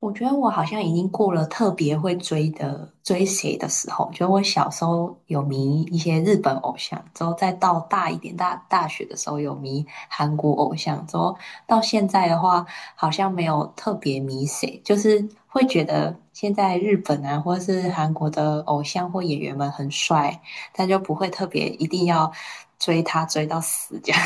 我觉得我好像已经过了特别会追谁的时候。就我小时候有迷一些日本偶像，之后再到大一点大学的时候有迷韩国偶像，之后到现在的话，好像没有特别迷谁，就是会觉得现在日本啊或是韩国的偶像或演员们很帅，但就不会特别一定要追他追到死这样。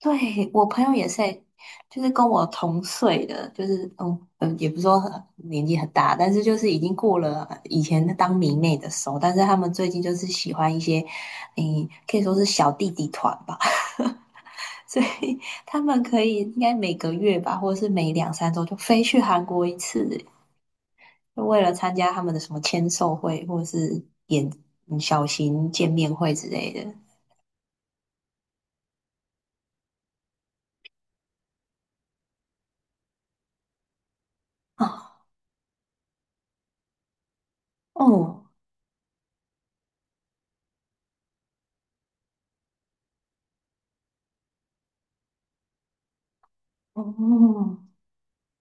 对，我朋友也是欸，就是跟我同岁的，就是也不是说很年纪很大，但是就是已经过了以前当迷妹的时候，但是他们最近就是喜欢一些，可以说是小弟弟团吧，所以他们可以应该每个月吧，或者是每两三周就飞去韩国一次欸，就为了参加他们的什么签售会或者是演小型见面会之类的。啊，哦哦，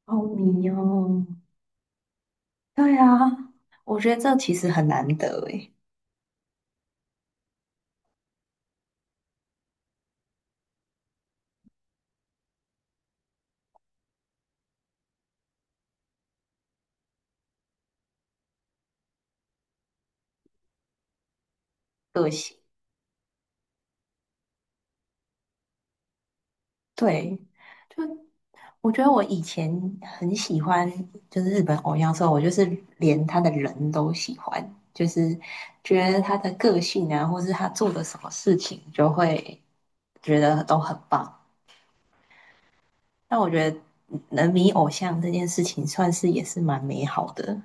好迷哦。对啊，我觉得这其实很难得诶。个性。对，就我觉得我以前很喜欢，就是日本偶像的时候，我就是连他的人都喜欢，就是觉得他的个性啊，或是他做的什么事情，就会觉得都很棒。但我觉得能迷偶像这件事情，算是也是蛮美好的。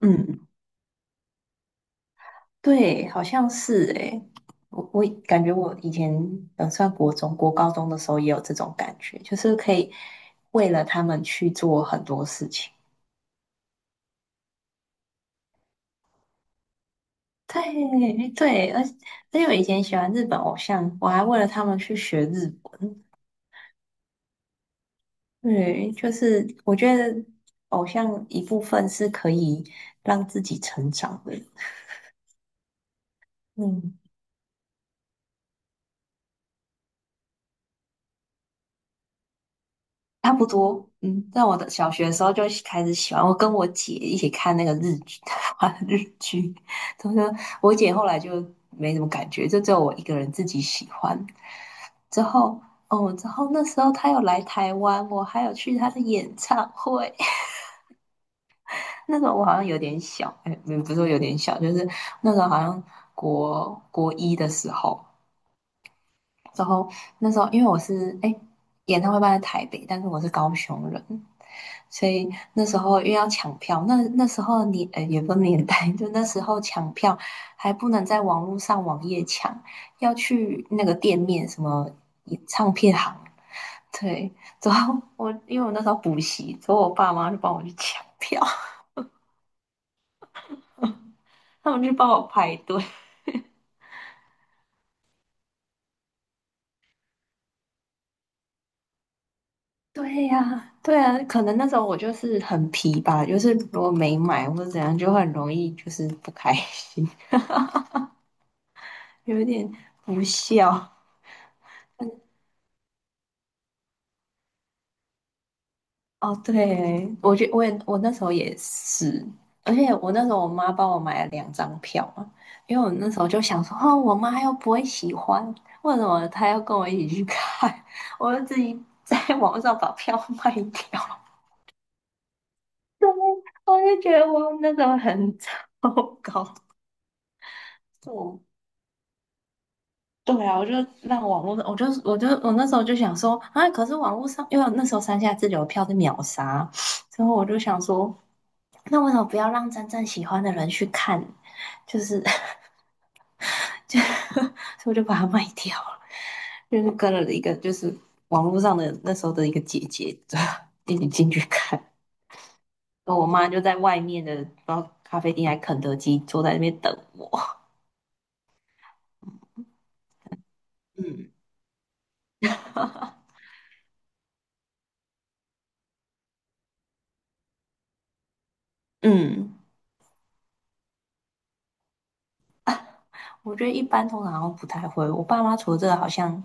嗯对，好像是诶，我感觉我以前算国中、国高中的时候也有这种感觉，就是可以为了他们去做很多事情。对对，而且我以前喜欢日本偶像，我还为了他们去学日文。对，就是我觉得偶像一部分是可以让自己成长的。嗯，差不多，在我的小学的时候就开始喜欢，我跟我姐一起看那个日剧，日剧，她说我姐后来就没什么感觉，就只有我一个人自己喜欢。之后，哦，之后那时候她有来台湾，我还有去她的演唱会。那时候我好像有点小，哎，不是说有点小，就是那时候好像国一的时候，然后那时候因为我是哎诶演唱会办在台北，但是我是高雄人，所以那时候因为要抢票，那时候也不是年代，就那时候抢票还不能在网络上网页抢，要去那个店面什么唱片行。对，之后因为我那时候补习，之后我爸妈就帮我去抢票，他们去帮我排队。对呀，对啊，可能那时候我就是很皮吧，就是如果没买或者怎样，就很容易就是不开心，有一点不孝。哦，对，我那时候也是，而且我那时候我妈帮我买了两张票嘛，因为我那时候就想说，哦，我妈又不会喜欢，为什么她要跟我一起去看？我就自己在 网上把票卖掉。对，我就觉得我那时候很 糟糕。我对啊，我就让网络，我那时候就想说啊，可是网络上，因为那时候三下自由票是秒杀，所以我就想说，那为什么不要让真正喜欢的人去看？就是 就 所以我就把它卖掉了，就是跟了一个就是网络上的那时候的一个姐姐，一起进去看，然后我妈就在外面的不知道咖啡店还肯德基坐在那边等我。嗯嗯。我觉得一般通常好像不太会，我爸妈除了这个好像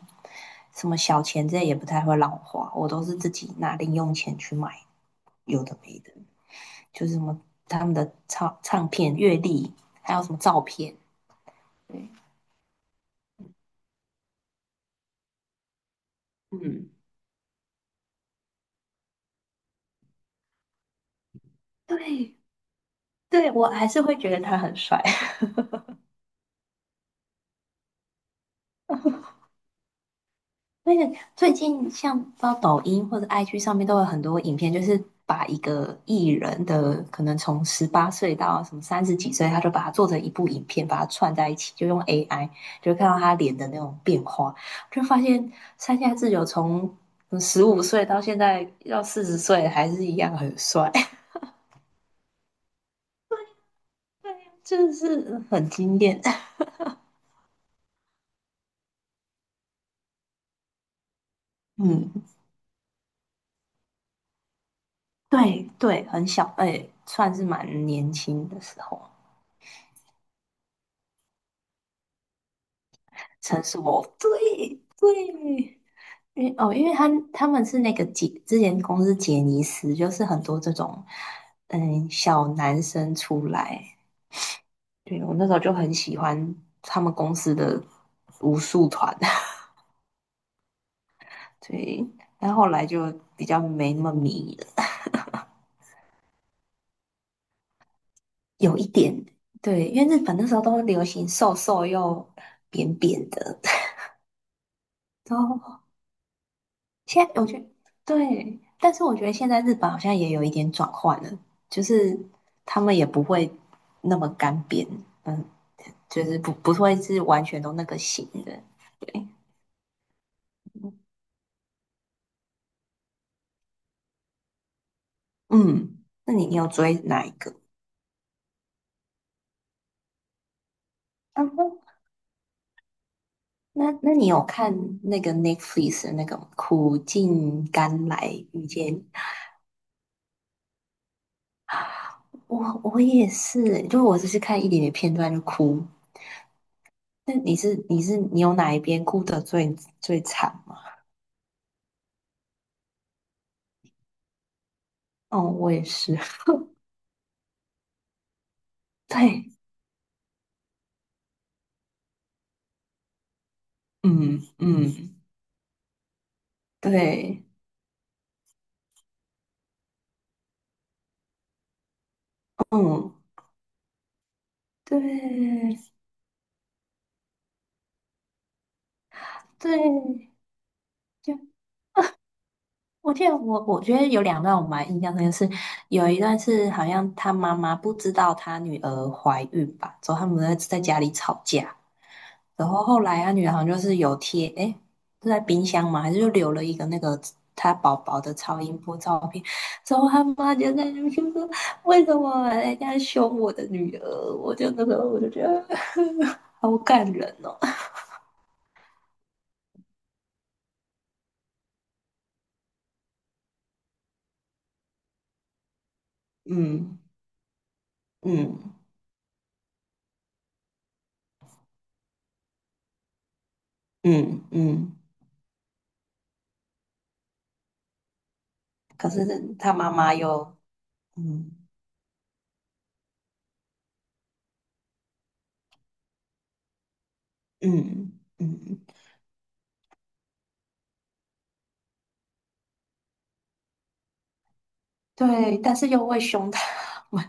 什么小钱这些也不太会让我花，我都是自己拿零用钱去买有的没的，就是什么他们的唱片、阅历，还有什么照片。对，嗯，对，对我还是会觉得他很帅。那个最近像到抖音或者 IG 上面都有很多影片，就是把一个艺人的可能从18岁到什么30几岁，他就把它做成一部影片，把它串在一起，就用 AI 就看到他脸的那种变化，就发现山下智久从15岁到现在要40岁还是一样很帅。对呀，真的是很惊艳。嗯，对对，很小，哎、算是蛮年轻的时候。城市魔对对，因为哦，因为他们是那个杰，之前公司杰尼斯，就是很多这种小男生出来，对我那时候就很喜欢他们公司的武术团，对，但后来就比较没那么迷了，有一点，对，因为日本那时候都流行瘦瘦又扁扁的，都现在我觉得对，但是我觉得现在日本好像也有一点转换了，就是他们也不会那么干瘪嗯，就是不会是完全都那个型的。对，嗯，那你有追哪一个？啊，那你有看那个 Netflix 的那个《苦尽甘来遇见你》我也是，就我只是看一点点片段就哭。那你有哪一边哭得最惨吗？哦，我也是。对，嗯嗯，对，嗯对对，就我记得我觉得有两段我蛮印象深刻是，有一段是好像他妈妈不知道他女儿怀孕吧，之后他们在家里吵架，然后后来他女儿好像就是有贴，诶，是在冰箱嘛，还是就留了一个那个他宝宝的超音波照片，之后他妈就在那边就说为什么人家凶我的女儿，我就那时候我就觉得 好感人哦。嗯嗯嗯嗯，可是他妈妈又嗯嗯嗯，对，但是又会凶他们，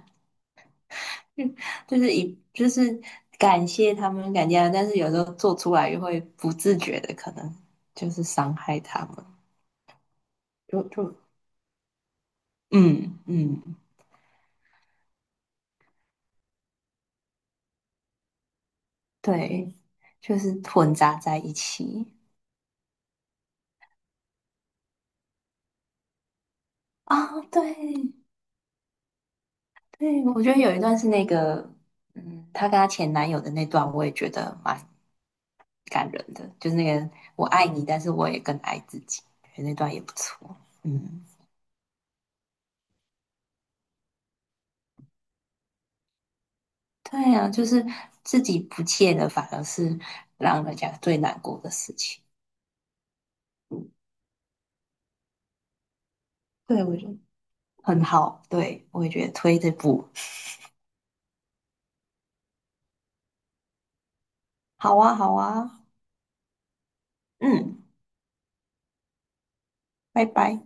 就是就是感谢他们感谢他们，但是有时候做出来又会不自觉的可能就是伤害他们，就嗯嗯，对，就是混杂在一起啊，对对，我觉得有一段是那个，她跟她前男友的那段，我也觉得蛮感人的，就是那个我爱你，但是我也更爱自己，觉得那段也不错。嗯，对啊，就是自己不切的，反而是让人家最难过的事情。对，我觉得很好，对，我也觉得推这部。好啊，好啊，嗯，拜拜。